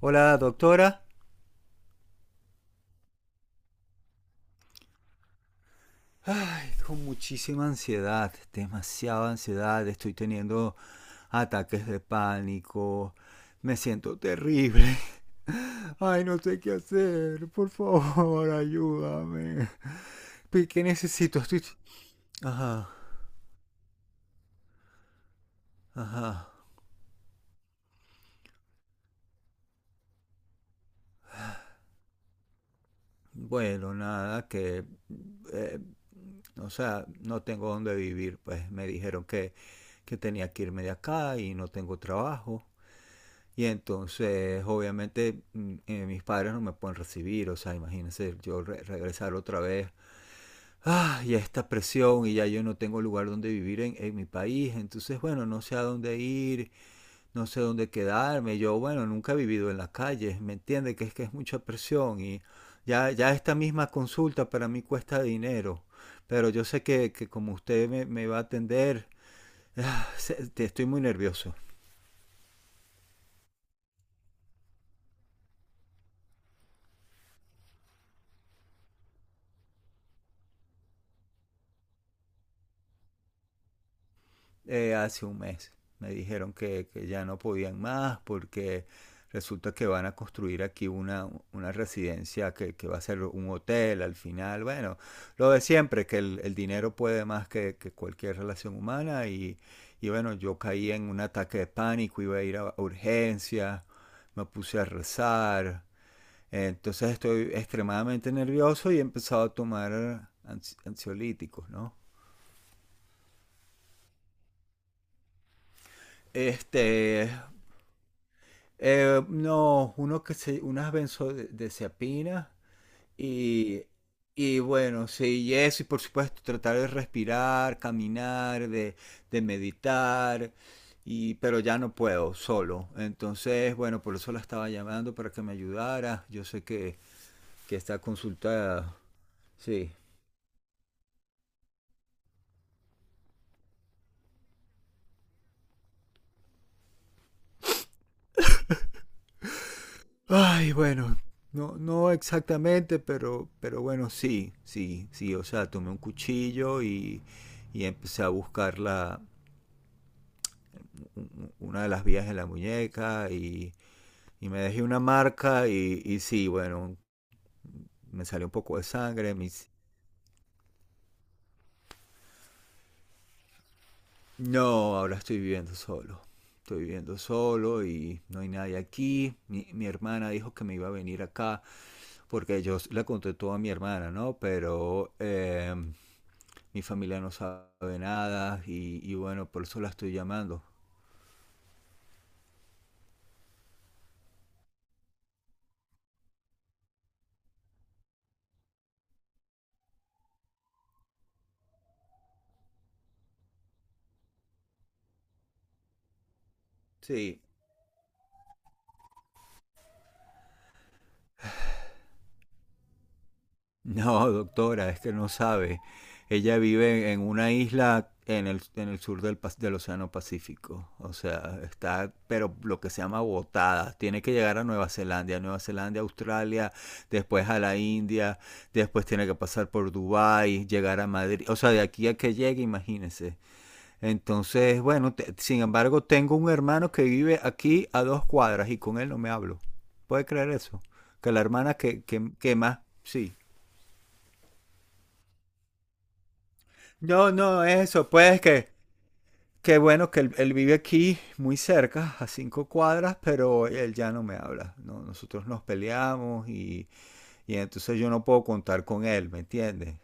Hola, doctora. Ay, con muchísima ansiedad, demasiada ansiedad. Estoy teniendo ataques de pánico. Me siento terrible. Ay, no sé qué hacer. Por favor, ayúdame. ¿Qué necesito? Estoy... Ajá, ajá. Bueno, nada, que eh, o sea, no tengo dónde vivir. Pues me dijeron que tenía que irme de acá y no tengo trabajo. Y entonces, obviamente, mis padres no me pueden recibir, o sea, imagínense yo regresar otra vez, ah, y esta presión, y ya yo no tengo lugar donde vivir en mi país, entonces, bueno, no sé a dónde ir, no sé dónde quedarme, yo, bueno, nunca he vivido en la calle, ¿me entiende? Que es mucha presión y ya esta misma consulta para mí cuesta dinero, pero yo sé que como usted me va a atender, estoy muy nervioso. Eh, hace un mes. Me dijeron que ya no podían más porque resulta que van a construir aquí una residencia que va a ser un hotel al final. Bueno, lo de siempre, que el dinero puede más que cualquier relación humana y bueno, yo caí en un ataque de pánico, iba a ir a urgencias, me puse a rezar. Entonces estoy extremadamente nervioso y he empezado a tomar ansiolíticos, ¿no? Este, eh, no, uno que se, unas benzodiazepinas y, y bueno, sí, y eso, y por supuesto, tratar de respirar, caminar, de meditar, y, pero ya no puedo solo. Entonces, bueno, por eso la estaba llamando para que me ayudara. Yo sé que está consultada, sí. Ay, bueno, no, no exactamente, pero bueno, sí, sí, sí, o sea, tomé un cuchillo y empecé a buscar la una de las vías en la muñeca y me dejé una marca y sí, bueno, me salió un poco de sangre. Mis... No, ahora estoy viviendo solo. Estoy viviendo solo y no hay nadie aquí. Mi hermana dijo que me iba a venir acá porque yo la conté todo a mi hermana, ¿no? Pero mi familia no sabe nada y, y bueno, por eso la estoy llamando. Sí, no, doctora, es que no sabe. Ella vive en una isla en el sur del, del Océano Pacífico. O sea, está, pero lo que se llama botada. Tiene que llegar a Nueva Zelanda, Nueva Zelanda, Australia, después a la India, después tiene que pasar por Dubái, llegar a Madrid. O sea, de aquí a que llegue, imagínese. Entonces, bueno, sin embargo, tengo un hermano que vive aquí a dos cuadras y con él no me hablo. ¿Puede creer eso? Que la hermana que más, sí. No, no, eso, pues que bueno que él vive aquí muy cerca, a cinco cuadras, pero él ya no me habla, ¿no? Nosotros nos peleamos y entonces yo no puedo contar con él, ¿me entiendes?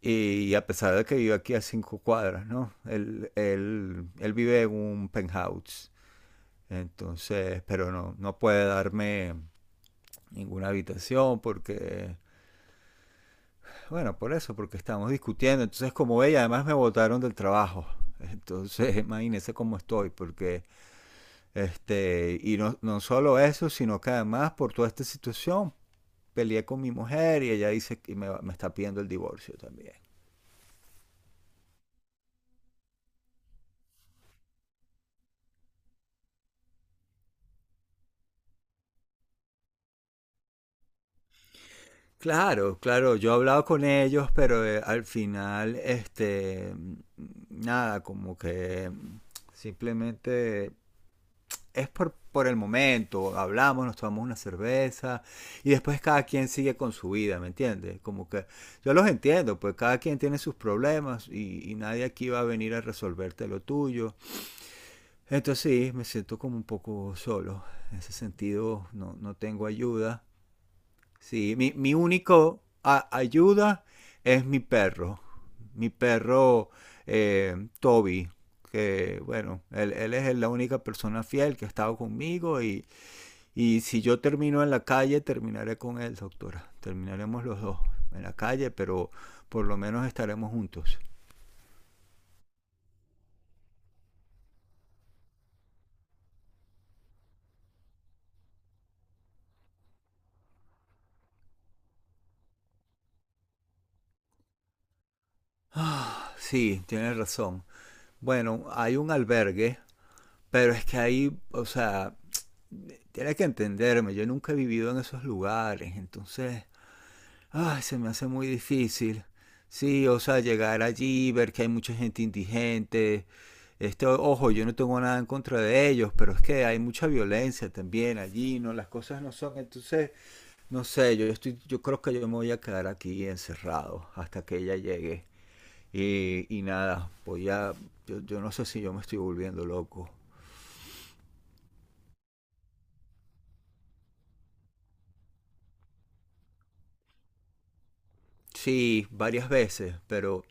Y, a pesar de que vive aquí a cinco cuadras, ¿no? Él vive en un penthouse, entonces, pero no, no puede darme ninguna habitación porque bueno, por eso, porque estamos discutiendo. Entonces, como ella, además me votaron del trabajo. Entonces, imagínense cómo estoy, porque, este, y no, no solo eso, sino que además por toda esta situación peleé con mi mujer y ella dice que me está pidiendo el divorcio también. Claro, claro, yo he hablado con ellos, pero al final, este, nada, como que simplemente es por el momento, hablamos, nos tomamos una cerveza y después cada quien sigue con su vida, ¿me entiendes? Como que yo los entiendo, pues cada quien tiene sus problemas y nadie aquí va a venir a resolverte lo tuyo. Entonces sí, me siento como un poco solo, en ese sentido no, no tengo ayuda. Sí, mi único ayuda es mi perro Toby, que bueno, él es la única persona fiel que ha estado conmigo y si yo termino en la calle, terminaré con él, doctora. Terminaremos los dos en la calle, pero por lo menos estaremos juntos. Sí, tienes razón. Bueno, hay un albergue, pero es que ahí, o sea, tienes que entenderme, yo nunca he vivido en esos lugares, entonces ay, se me hace muy difícil. Sí, o sea, llegar allí, ver que hay mucha gente indigente. Este, ojo, yo no tengo nada en contra de ellos, pero es que hay mucha violencia también allí, ¿no? Las cosas no son. Entonces, no sé, yo estoy, yo creo que yo me voy a quedar aquí encerrado hasta que ella llegue. Y nada, voy a. Yo no sé si yo me estoy volviendo loco. Sí, varias veces, pero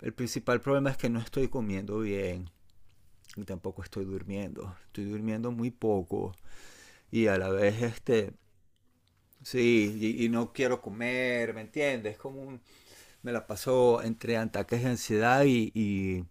el principal problema es que no estoy comiendo bien. Y tampoco estoy durmiendo. Estoy durmiendo muy poco y a la vez este, sí, y no quiero comer, ¿me entiendes? Me la paso entre ataques de ansiedad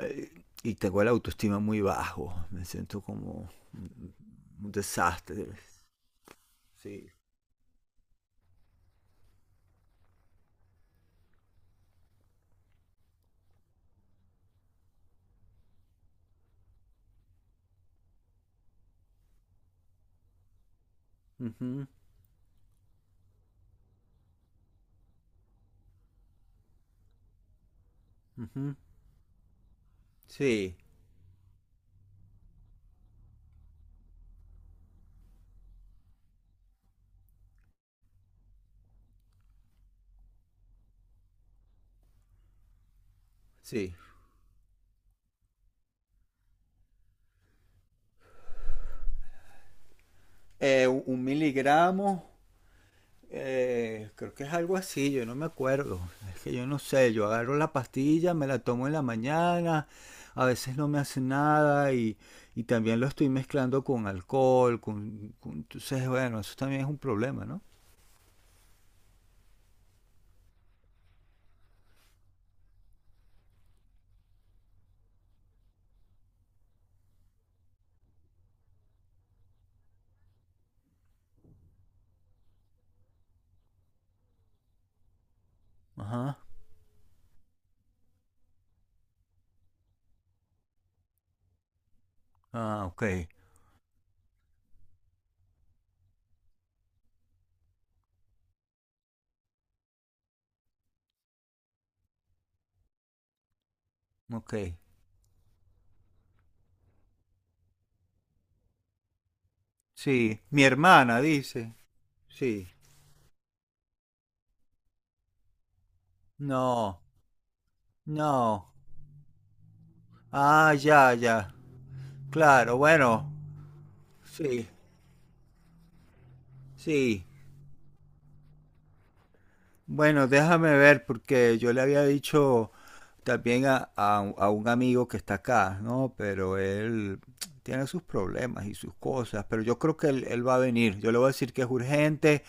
y tengo la autoestima muy bajo. Me siento como un desastre. Sí. Ujú, ujú. Sí, sí. 1 mg. Creo que es algo así, yo no me acuerdo. Es que yo no sé, yo agarro la pastilla, me la tomo en la mañana, a veces no me hace nada y, y también lo estoy mezclando con alcohol, entonces bueno, eso también es un problema, ¿no? Ajá. Ah, ok, ok. Sí, mi hermana dice, sí. No, no. Ah, ya, ya. Claro, bueno. Sí, sí. Bueno, déjame ver, porque yo le había dicho también a un amigo que está acá, ¿no? Pero él tiene sus problemas y sus cosas, pero yo creo que él va a venir. Yo le voy a decir que es urgente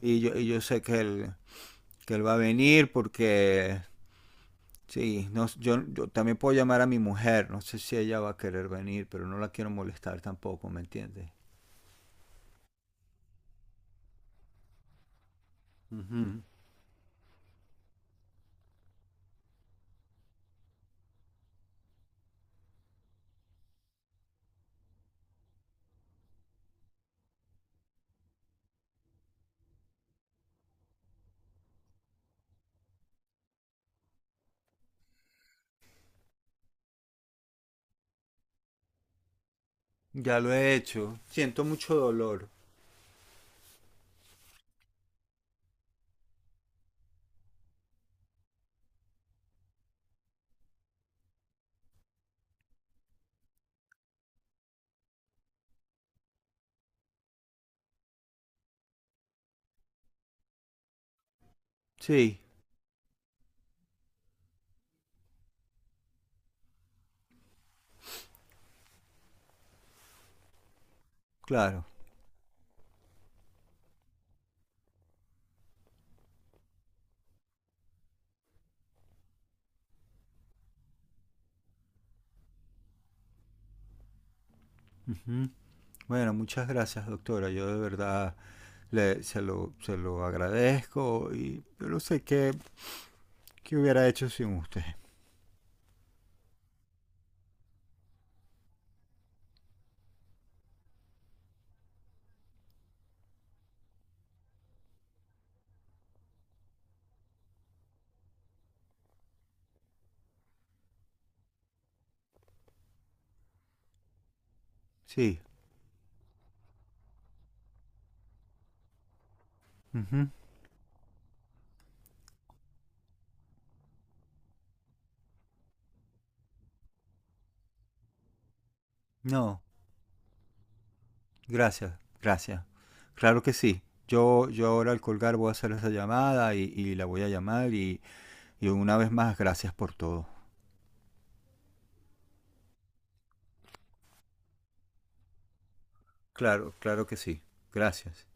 y yo sé que él va a venir porque, sí, no, yo, yo también puedo llamar a mi mujer, no sé si ella va a querer venir, pero no la quiero molestar tampoco, ¿me entiendes? Ujú. Ya lo he hecho. Siento mucho dolor. Sí, claro. Bueno, muchas gracias, doctora. Yo de verdad le, se lo agradezco y yo no sé qué, qué hubiera hecho sin usted. Sí. Ujú. No, gracias, gracias. Claro que sí. Yo ahora al colgar voy a hacer esa llamada y la voy a llamar y una vez más, gracias por todo. Claro, claro que sí. Gracias.